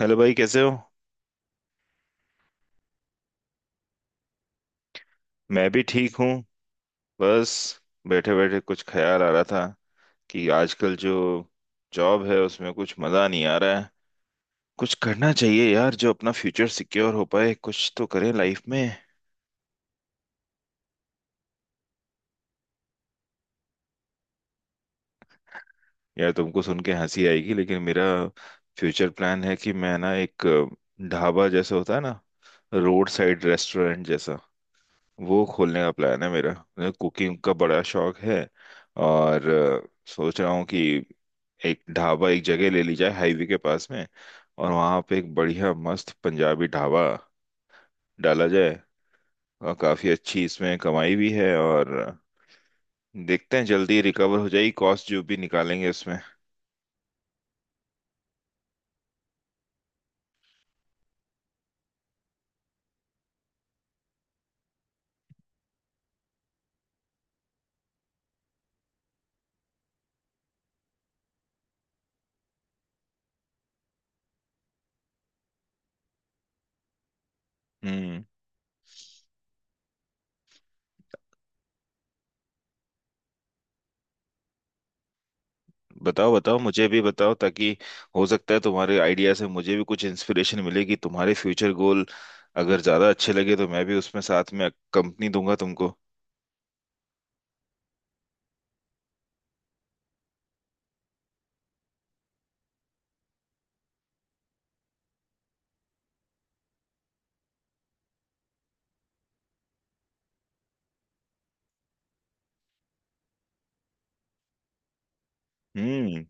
Hello भाई, कैसे हो? मैं भी ठीक हूँ। बस बैठे बैठे कुछ ख्याल आ रहा था कि आजकल जो जॉब है उसमें कुछ मज़ा नहीं आ रहा है। कुछ करना चाहिए यार, जो अपना फ्यूचर सिक्योर हो पाए, कुछ तो करें लाइफ में। यार तुमको सुन के हंसी आएगी, लेकिन मेरा फ्यूचर प्लान है कि मैं ना एक ढाबा जैसा होता है ना, रोड साइड रेस्टोरेंट जैसा, वो खोलने का प्लान है मेरा। मुझे कुकिंग का बड़ा शौक है। और सोच रहा हूँ कि एक ढाबा, एक जगह ले ली जाए हाईवे के पास में, और वहाँ पे एक बढ़िया मस्त पंजाबी ढाबा डाला जाए। और काफ़ी अच्छी इसमें कमाई भी है, और देखते हैं, जल्दी रिकवर हो जाएगी कॉस्ट जो भी निकालेंगे इसमें। हम्म। बताओ बताओ, मुझे भी बताओ, ताकि हो सकता है तुम्हारे आइडिया से मुझे भी कुछ इंस्पिरेशन मिलेगी। तुम्हारे फ्यूचर गोल अगर ज्यादा अच्छे लगे तो मैं भी उसमें साथ में कंपनी दूंगा तुमको। हम्म।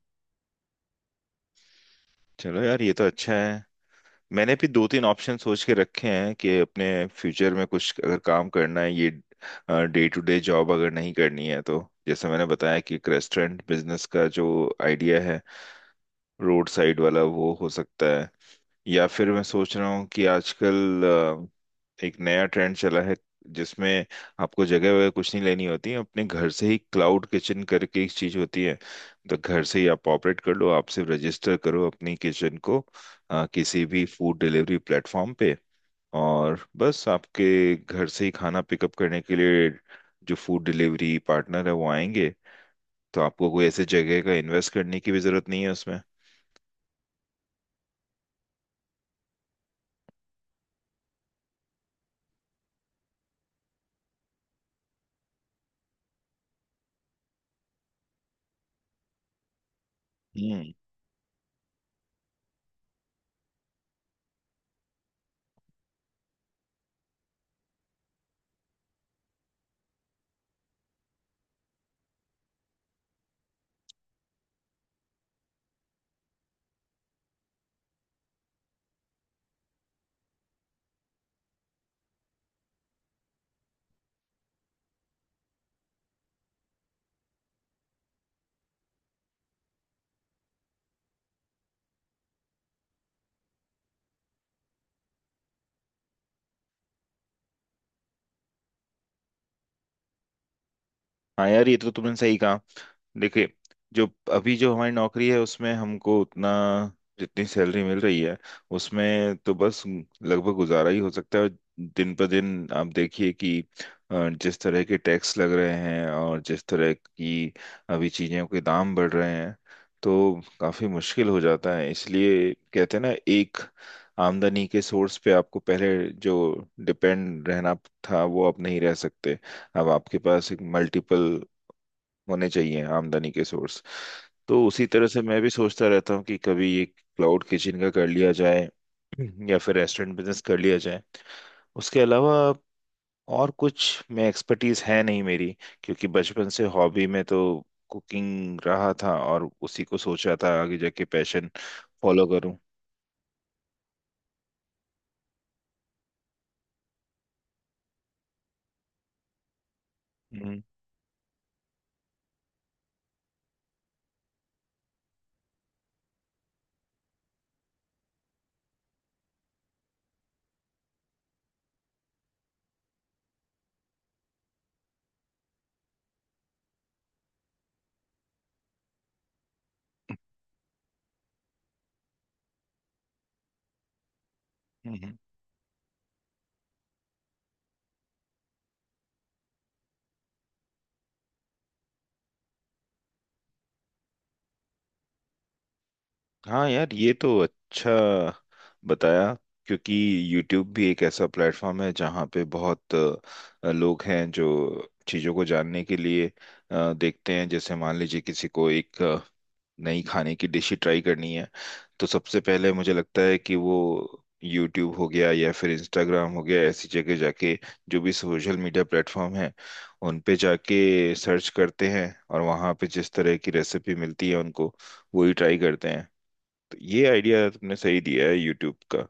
चलो यार, ये तो अच्छा है। मैंने भी दो तीन ऑप्शन सोच के रखे हैं कि अपने फ्यूचर में कुछ अगर काम करना है, ये डे टू डे जॉब अगर नहीं करनी है तो। जैसे मैंने बताया कि एक रेस्टोरेंट बिजनेस का जो आइडिया है, रोड साइड वाला, वो हो सकता है। या फिर मैं सोच रहा हूँ कि आजकल एक नया ट्रेंड चला है जिसमें आपको जगह वगैरह कुछ नहीं लेनी होती, अपने घर से ही क्लाउड किचन करके एक चीज होती है। तो घर से ही आप ऑपरेट कर लो, आप सिर्फ रजिस्टर करो अपनी किचन को किसी भी फूड डिलीवरी प्लेटफॉर्म पे। और बस आपके घर से ही खाना पिकअप करने के लिए जो फूड डिलीवरी पार्टनर है वो आएंगे। तो आपको कोई ऐसे जगह का इन्वेस्ट करने की भी जरूरत नहीं है उसमें। हम्म। हाँ यार, ये तो तुमने सही कहा। देखिए, जो अभी जो हमारी नौकरी है उसमें हमको उतना, जितनी सैलरी मिल रही है उसमें तो बस लगभग गुजारा ही हो सकता है। दिन पर दिन आप देखिए कि जिस तरह के टैक्स लग रहे हैं और जिस तरह की अभी चीजों के दाम बढ़ रहे हैं, तो काफी मुश्किल हो जाता है। इसलिए कहते हैं ना, एक आमदनी के सोर्स पे आपको पहले जो डिपेंड रहना था वो आप नहीं रह सकते। अब आपके पास एक मल्टीपल होने चाहिए आमदनी के सोर्स। तो उसी तरह से मैं भी सोचता रहता हूँ कि कभी एक क्लाउड किचन का कर लिया जाए, या फिर रेस्टोरेंट बिजनेस कर लिया जाए। उसके अलावा और कुछ में एक्सपर्टीज है नहीं मेरी, क्योंकि बचपन से हॉबी में तो कुकिंग रहा था, और उसी को सोचा था आगे जाके पैशन फॉलो करूँ। हम्म, हम्म, हम्म। हाँ यार, ये तो अच्छा बताया, क्योंकि YouTube भी एक ऐसा प्लेटफॉर्म है जहाँ पे बहुत लोग हैं जो चीज़ों को जानने के लिए देखते हैं। जैसे मान लीजिए, किसी को एक नई खाने की डिश ही ट्राई करनी है, तो सबसे पहले मुझे लगता है कि वो यूट्यूब हो गया, या फिर इंस्टाग्राम हो गया, ऐसी जगह जाके, जो भी सोशल मीडिया प्लेटफॉर्म है, उन पे जाके सर्च करते हैं, और वहाँ पे जिस तरह की रेसिपी मिलती है उनको वही ट्राई करते हैं। तो ये आइडिया तुमने सही दिया है यूट्यूब का।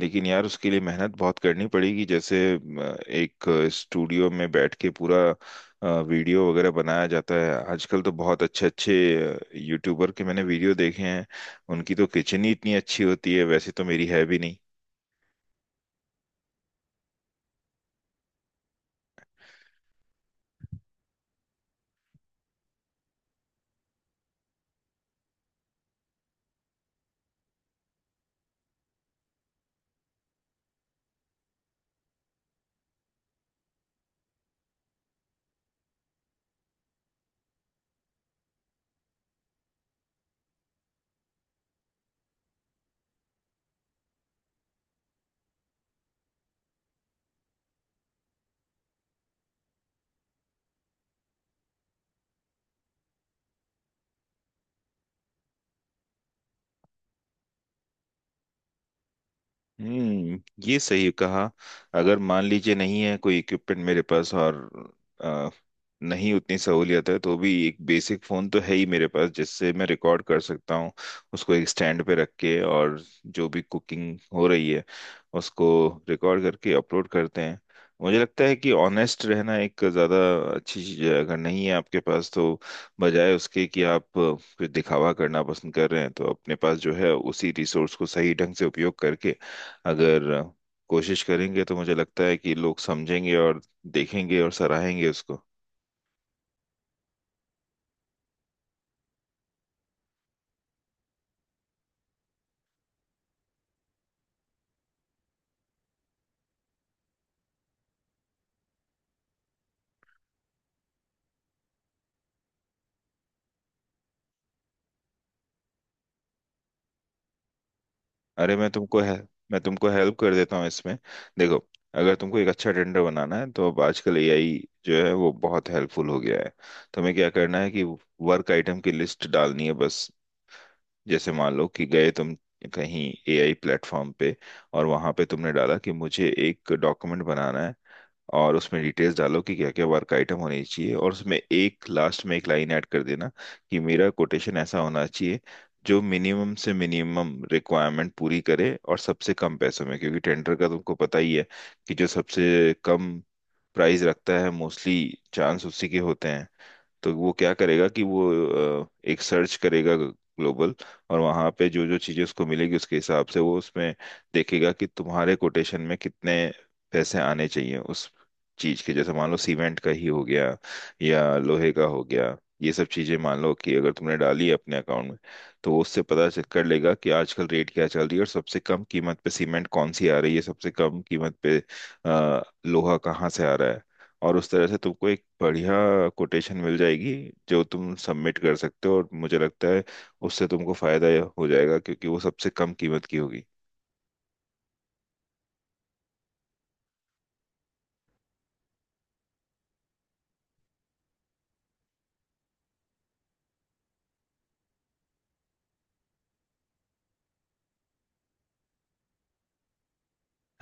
लेकिन यार उसके लिए मेहनत बहुत करनी पड़ेगी, जैसे एक स्टूडियो में बैठ के पूरा वीडियो वगैरह बनाया जाता है। आजकल तो बहुत अच्छे अच्छे यूट्यूबर के मैंने वीडियो देखे हैं, उनकी तो किचन ही इतनी अच्छी होती है, वैसे तो मेरी है भी नहीं। हम्म। ये सही कहा। अगर मान लीजिए नहीं है कोई इक्विपमेंट मेरे पास, और अ, नहीं उतनी सहूलियत है, तो भी एक बेसिक फोन तो है ही मेरे पास जिससे मैं रिकॉर्ड कर सकता हूँ। उसको एक स्टैंड पे रख के, और जो भी कुकिंग हो रही है उसको रिकॉर्ड करके अपलोड करते हैं। मुझे लगता है कि ऑनेस्ट रहना एक ज़्यादा अच्छी चीज़ है। अगर नहीं है आपके पास तो, बजाय उसके कि आप कुछ दिखावा करना पसंद कर रहे हैं, तो अपने पास जो है उसी रिसोर्स को सही ढंग से उपयोग करके अगर कोशिश करेंगे, तो मुझे लगता है कि लोग समझेंगे और देखेंगे और सराहेंगे उसको। अरे, मैं तुमको हेल्प कर देता हूँ इसमें। देखो, अगर तुमको एक अच्छा टेंडर बनाना है, तो अब आजकल एआई जो है वो बहुत हेल्पफुल हो गया है। तुम्हें क्या करना है कि वर्क आइटम की लिस्ट डालनी है बस। जैसे मान लो कि गए तुम कहीं एआई प्लेटफॉर्म पे, और वहां पे तुमने डाला कि मुझे एक डॉक्यूमेंट बनाना है, और उसमें डिटेल्स डालो कि क्या क्या वर्क आइटम होने चाहिए, और उसमें एक लास्ट में एक लाइन ऐड कर देना कि मेरा कोटेशन ऐसा होना चाहिए जो मिनिमम से मिनिमम रिक्वायरमेंट पूरी करे और सबसे कम पैसों में, क्योंकि टेंडर का तुमको पता ही है कि जो सबसे कम प्राइस रखता है, मोस्टली चांस उसी के होते हैं। तो वो क्या करेगा कि वो एक सर्च करेगा ग्लोबल, और वहां पे जो जो चीजें उसको मिलेगी उसके हिसाब से वो उसमें देखेगा कि तुम्हारे कोटेशन में कितने पैसे आने चाहिए उस चीज के, जैसे मान लो सीमेंट का ही हो गया, या लोहे का हो गया। ये सब चीजें मान लो कि अगर तुमने डाली है अपने अकाउंट में, तो वो उससे पता चेक कर लेगा कि आजकल रेट क्या चल रही है, और सबसे कम कीमत पे सीमेंट कौन सी आ रही है, सबसे कम कीमत पे लोहा कहाँ से आ रहा है। और उस तरह से तुमको एक बढ़िया कोटेशन मिल जाएगी जो तुम सबमिट कर सकते हो, और मुझे लगता है उससे तुमको फायदा हो जाएगा, क्योंकि वो सबसे कम कीमत की होगी।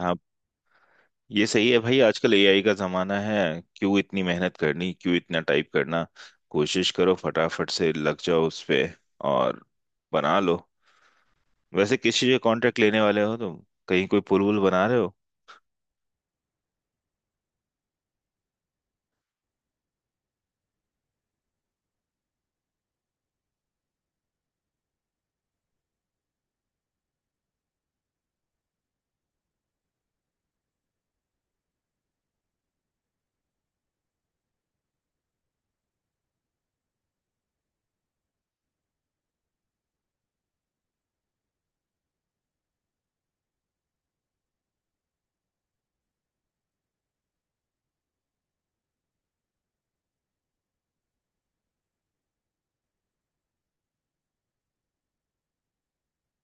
हाँ, ये सही है भाई, आजकल एआई का जमाना है। क्यों इतनी मेहनत करनी, क्यों इतना टाइप करना। कोशिश करो, फटाफट से लग जाओ उस पे, और बना लो। वैसे किस चीज़ का कॉन्ट्रैक्ट लेने वाले हो तुम, कहीं कोई पुल वुल बना रहे हो?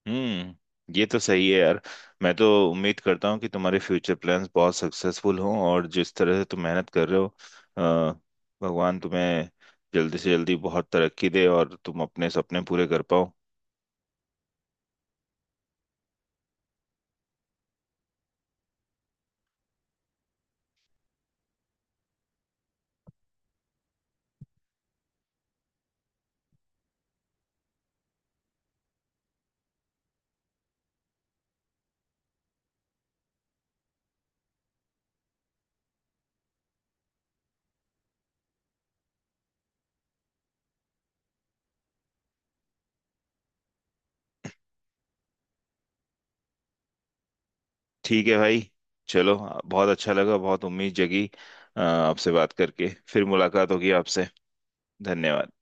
हम्म। ये तो सही है यार। मैं तो उम्मीद करता हूँ कि तुम्हारे फ्यूचर प्लान्स बहुत सक्सेसफुल हों, और जिस तरह से तुम मेहनत कर रहे हो, अ, भगवान तुम्हें जल्दी से जल्दी बहुत तरक्की दे, और तुम अपने सपने पूरे कर पाओ। ठीक है भाई। चलो। बहुत अच्छा लगा, बहुत उम्मीद जगी, आपसे बात करके। फिर मुलाकात होगी आपसे। धन्यवाद।